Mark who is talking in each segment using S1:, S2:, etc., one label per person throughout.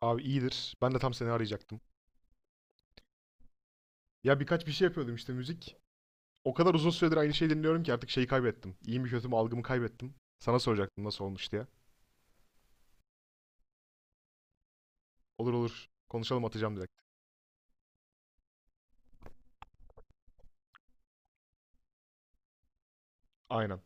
S1: Abi iyidir. Ben de tam seni arayacaktım. Ya birkaç bir şey yapıyordum işte müzik. O kadar uzun süredir aynı şeyi dinliyorum ki artık şeyi kaybettim. İyi mi kötü mü algımı kaybettim. Sana soracaktım nasıl olmuş diye. Olur olur. Konuşalım, atacağım direkt. Aynen.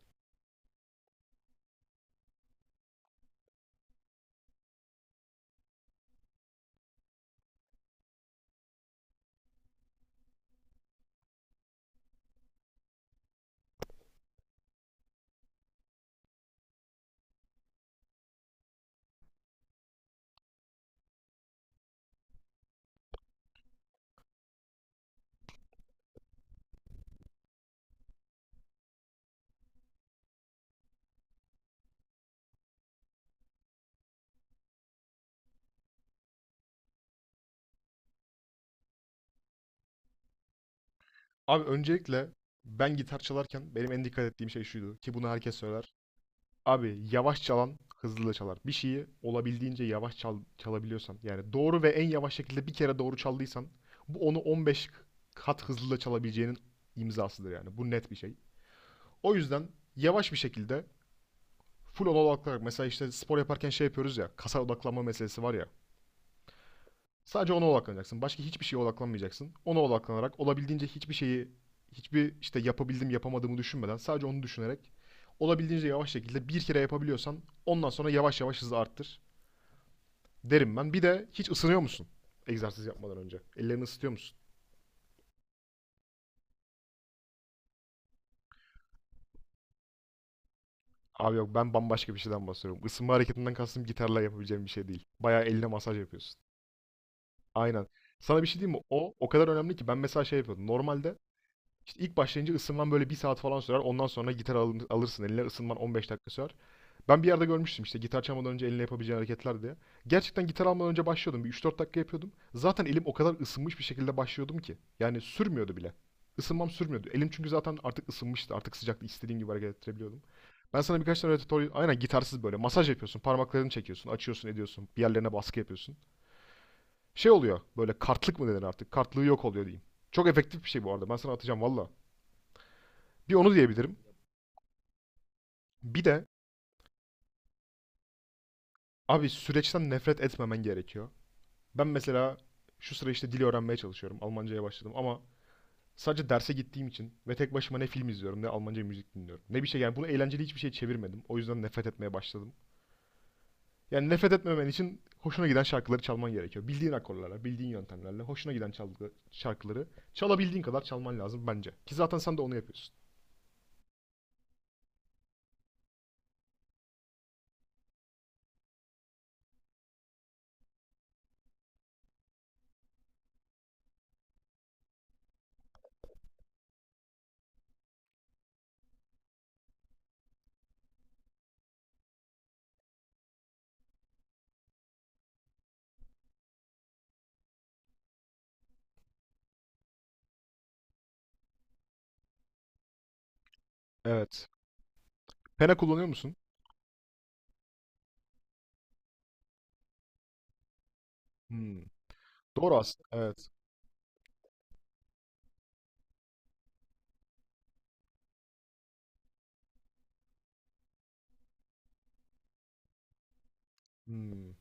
S1: Abi öncelikle ben gitar çalarken benim en dikkat ettiğim şey şuydu ki bunu herkes söyler. Abi yavaş çalan hızlı da çalar. Bir şeyi olabildiğince yavaş çal, çalabiliyorsan yani doğru ve en yavaş şekilde bir kere doğru çaldıysan bu onu 15 kat hızlı da çalabileceğinin imzasıdır yani. Bu net bir şey. O yüzden yavaş bir şekilde full ona odaklanarak, mesela işte spor yaparken şey yapıyoruz ya, kasa odaklanma meselesi var ya. Sadece ona odaklanacaksın. Başka hiçbir şeye odaklanmayacaksın. Ona odaklanarak, olabildiğince hiçbir şeyi, hiçbir işte yapabildim yapamadığımı düşünmeden, sadece onu düşünerek olabildiğince yavaş şekilde bir kere yapabiliyorsan, ondan sonra yavaş yavaş hızı arttır derim ben. Bir de hiç ısınıyor musun? Egzersiz yapmadan önce. Ellerini ısıtıyor musun? Abi yok, ben bambaşka bir şeyden bahsediyorum. Isınma hareketinden kastım gitarla yapabileceğim bir şey değil. Bayağı eline masaj yapıyorsun. Aynen. Sana bir şey diyeyim mi? O kadar önemli ki ben mesela şey yapıyordum. Normalde işte ilk başlayınca ısınman böyle bir saat falan sürer. Ondan sonra gitar alırsın eline, ısınman 15 dakika sürer. Ben bir yerde görmüştüm işte gitar çalmadan önce eline yapabileceğin hareketler diye. Gerçekten gitar almadan önce başlıyordum. Bir 3-4 dakika yapıyordum. Zaten elim o kadar ısınmış bir şekilde başlıyordum ki yani sürmüyordu bile. Isınmam sürmüyordu. Elim çünkü zaten artık ısınmıştı. Artık sıcaktı. İstediğim gibi hareket ettirebiliyordum. Ben sana birkaç tane tutorial... Aynen, gitarsız böyle. Masaj yapıyorsun. Parmaklarını çekiyorsun. Açıyorsun ediyorsun. Bir yerlerine baskı yapıyorsun, şey oluyor. Böyle kartlık mı denir artık? Kartlığı yok oluyor diyeyim. Çok efektif bir şey bu arada. Ben sana atacağım valla. Bir onu diyebilirim. Bir de abi süreçten nefret etmemen gerekiyor. Ben mesela şu sıra işte dil öğrenmeye çalışıyorum. Almancaya başladım ama sadece derse gittiğim için ve tek başıma ne film izliyorum ne Almanca müzik dinliyorum. Ne bir şey, yani bunu eğlenceli hiçbir şey çevirmedim. O yüzden nefret etmeye başladım. Yani nefret etmemen için hoşuna giden şarkıları çalman gerekiyor. Bildiğin akorlarla, bildiğin yöntemlerle hoşuna giden şarkıları çalabildiğin kadar çalman lazım bence. Ki zaten sen de onu yapıyorsun. Evet. Pena kullanıyor musun? Hmm. Doğru aslında. Evet. Hmm.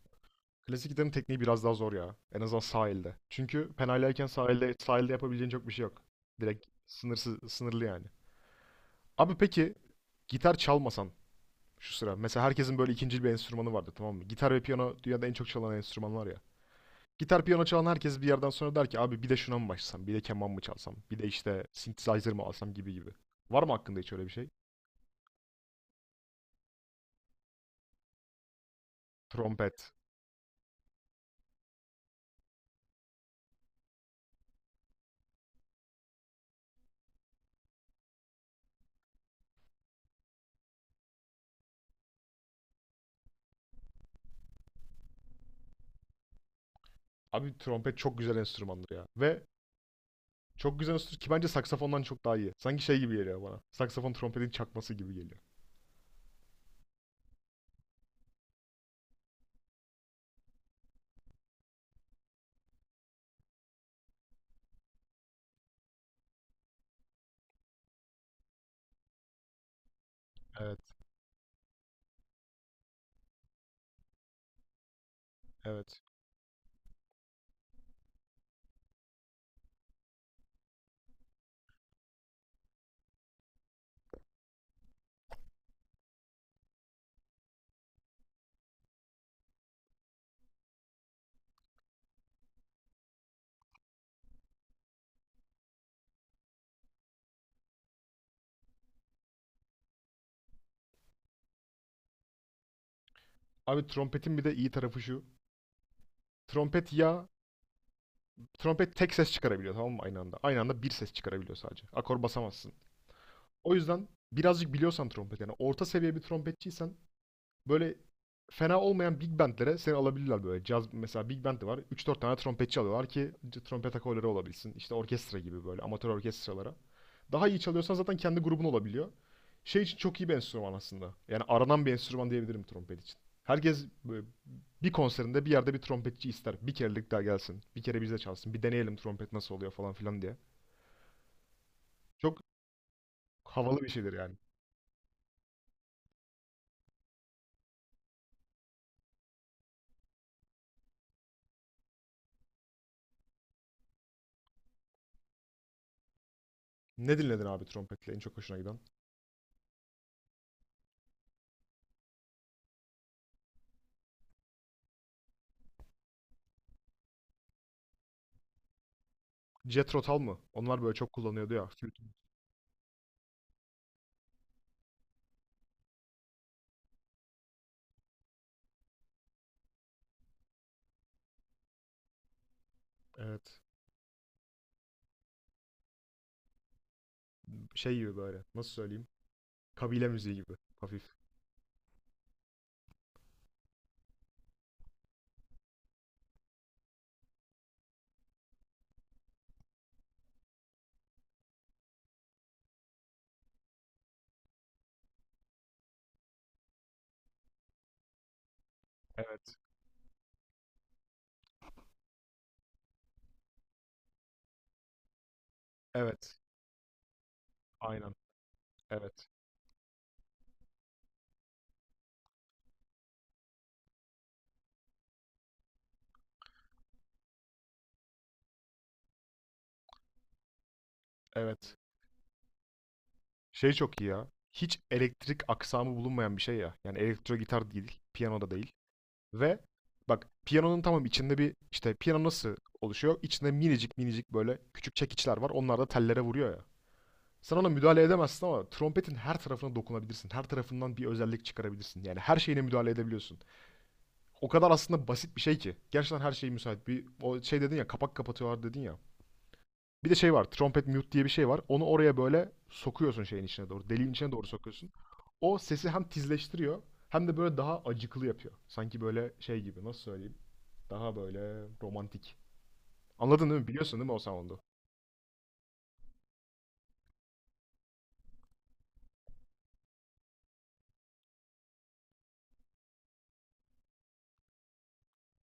S1: Klasik gitarın tekniği biraz daha zor ya. En azından sahilde. Çünkü penaylayken sahilde yapabileceğin çok bir şey yok. Direkt sınırsız, sınırlı yani. Abi peki gitar çalmasan şu sıra. Mesela herkesin böyle ikinci bir enstrümanı vardı, tamam mı? Gitar ve piyano dünyada en çok çalan enstrümanlar ya. Gitar piyano çalan herkes bir yerden sonra der ki abi bir de şuna mı başlasam? Bir de keman mı çalsam? Bir de işte synthesizer mı alsam, gibi gibi. Var mı hakkında hiç öyle bir şey? Trompet. Abi trompet çok güzel enstrümandır ya. Ve çok güzel enstrüman ki bence saksafondan çok daha iyi. Sanki şey gibi geliyor bana. Saksafon trompetin çakması gibi geliyor. Evet, evet. Abi trompetin bir de iyi tarafı şu. Trompet ya, trompet tek ses çıkarabiliyor, tamam mı, aynı anda? Aynı anda bir ses çıkarabiliyor sadece. Akor basamazsın. O yüzden birazcık biliyorsan trompet, yani orta seviye bir trompetçiysen böyle fena olmayan big bandlere seni alabilirler böyle. Caz mesela, big band de var. Üç dört tane trompetçi alıyorlar ki trompet akorları olabilsin. İşte orkestra gibi, böyle amatör orkestralara. Daha iyi çalıyorsan zaten kendi grubun olabiliyor. Şey için çok iyi bir enstrüman aslında. Yani aranan bir enstrüman diyebilirim trompet için. Herkes böyle bir konserinde bir yerde bir trompetçi ister. Bir kerelik daha gelsin. Bir kere bize çalsın. Bir deneyelim trompet nasıl oluyor falan filan diye. Çok havalı bir şeydir yani. Ne dinledin abi trompetle en çok hoşuna giden? Jethro Tull mı? Onlar böyle çok kullanıyordu ya, flütü. Evet. Şey gibi böyle. Nasıl söyleyeyim? Kabile müziği gibi. Hafif. Evet. Evet. Aynen. Evet. Evet. Şey çok iyi ya. Hiç elektrik aksamı bulunmayan bir şey ya. Yani elektro gitar değil. Piyano da değil. Ve bak piyanonun, tamam, içinde bir işte piyano nasıl oluşuyor? İçinde minicik minicik böyle küçük çekiçler var. Onlar da tellere vuruyor ya. Sen ona müdahale edemezsin ama trompetin her tarafına dokunabilirsin. Her tarafından bir özellik çıkarabilirsin. Yani her şeyine müdahale edebiliyorsun. O kadar aslında basit bir şey ki. Gerçekten her şey müsait. Bir o şey dedin ya, kapak kapatıyorlar dedin ya. Bir de şey var. Trompet mute diye bir şey var. Onu oraya böyle sokuyorsun, şeyin içine doğru. Deliğin içine doğru sokuyorsun. O sesi hem tizleştiriyor hem de böyle daha acıklı yapıyor. Sanki böyle şey gibi, nasıl söyleyeyim? Daha böyle romantik. Anladın değil mi? Biliyorsun değil mi o sound'u?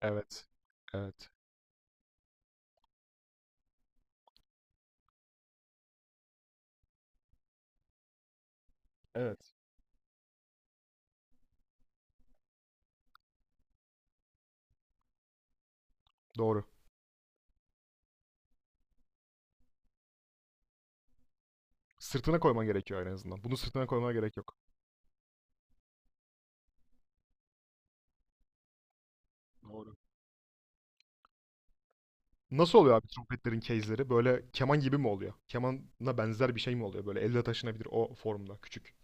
S1: Evet. Evet. Evet. Doğru. Sırtına koyman gerekiyor en azından. Bunu sırtına koymana gerek yok. Doğru. Nasıl oluyor abi trompetlerin case'leri? Böyle keman gibi mi oluyor? Kemana benzer bir şey mi oluyor? Böyle elle taşınabilir o formda küçük.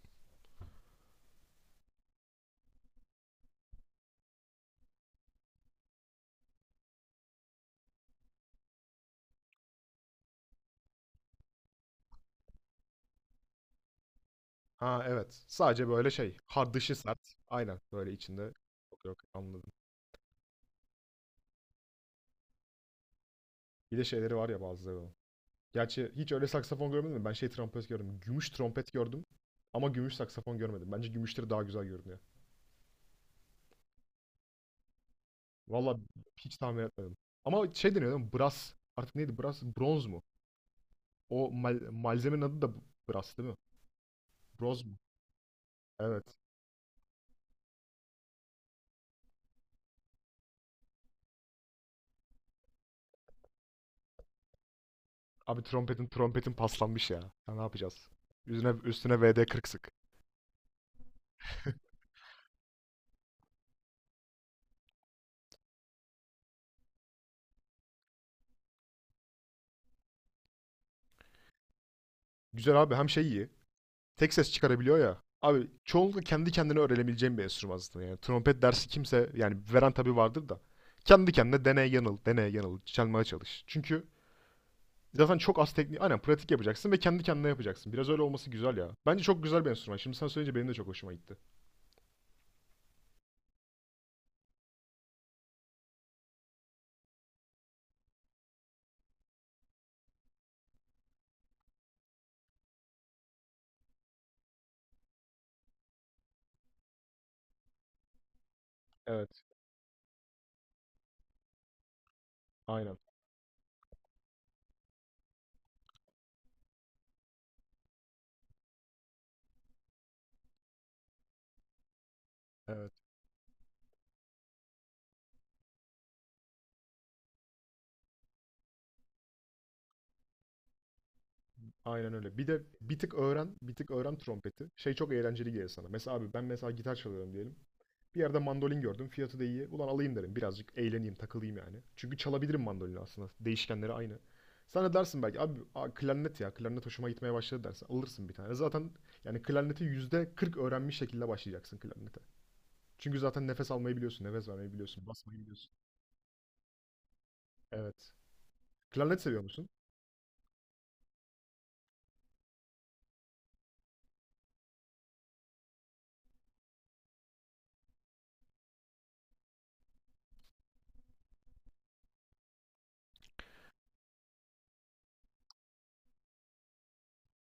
S1: Ha evet. Sadece böyle şey. Hard dışı, sert. Aynen. Böyle içinde. Yok yok anladım. Bir de şeyleri var ya bazıları. Gerçi hiç öyle saksafon görmedim mi? Ben şey trompet gördüm. Gümüş trompet gördüm. Ama gümüş saksafon görmedim. Bence gümüşleri daha güzel görünüyor. Valla hiç tahmin etmedim. Ama şey deniyor değil mi? Brass. Artık neydi? Brass. Bronz mu? O malzemenin adı da brass değil mi? Bronz mu? Evet. Abi trompetin paslanmış ya. Ya ne yapacağız? Üstüne VD40 sık. Güzel abi, hem şey iyi. Tek ses çıkarabiliyor ya. Abi çoğunlukla kendi kendine öğrenebileceğim bir enstrüman aslında. Yani trompet dersi kimse, yani veren tabii vardır da. Kendi kendine deney yanıl, deney yanıl, çalmaya çalış. Çünkü zaten çok az teknik, aynen, pratik yapacaksın ve kendi kendine yapacaksın. Biraz öyle olması güzel ya. Bence çok güzel bir enstrüman. Şimdi sen söyleyince benim de çok hoşuma gitti. Evet, aynen. Evet, aynen öyle. Bir de bir tık öğren, bir tık öğren trompeti. Şey çok eğlenceli gelir sana. Mesela abi ben mesela gitar çalıyorum diyelim. Bir yerde mandolin gördüm, fiyatı da iyi. Ulan alayım derim, birazcık eğleneyim, takılayım yani. Çünkü çalabilirim mandolini aslında. Değişkenleri aynı. Sen de dersin belki abi, a, klarnet ya, klarnet hoşuma gitmeye başladı dersin. Alırsın bir tane. Zaten yani klarneti %40 öğrenmiş şekilde başlayacaksın klarnete. Çünkü zaten nefes almayı biliyorsun, nefes vermeyi biliyorsun, basmayı biliyorsun. Evet. Klarnet seviyor musun?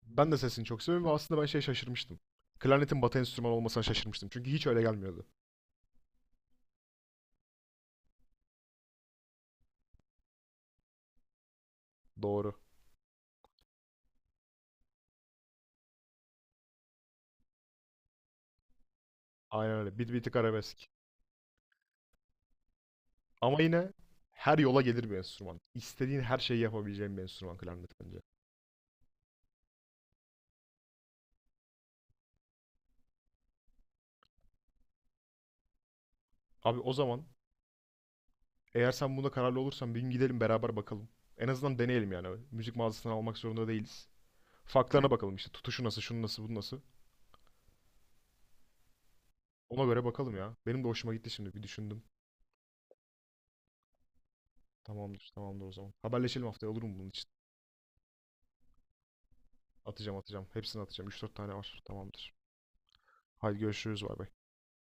S1: Ben de sesini çok seviyorum ve aslında ben şey şaşırmıştım. Klarnetin batı enstrümanı olmasına şaşırmıştım. Çünkü hiç öyle gelmiyordu. Doğru. Aynen öyle. Bir tık arabesk. Ama yine her yola gelir bir enstrüman. İstediğin her şeyi yapabileceğin bir enstrüman klarnet bence. Abi o zaman eğer sen bunda kararlı olursan bir gün gidelim beraber bakalım. En azından deneyelim yani. Müzik mağazasından almak zorunda değiliz. Farklarına bakalım işte. Tutuşu nasıl, şunu nasıl, bu nasıl. Ona göre bakalım ya. Benim de hoşuma gitti şimdi. Bir düşündüm. Tamamdır, tamamdır o zaman. Haberleşelim haftaya, olur mu bunun için? Atacağım, atacağım. Hepsini atacağım. Üç dört tane var. Tamamdır. Haydi görüşürüz. Bay bay.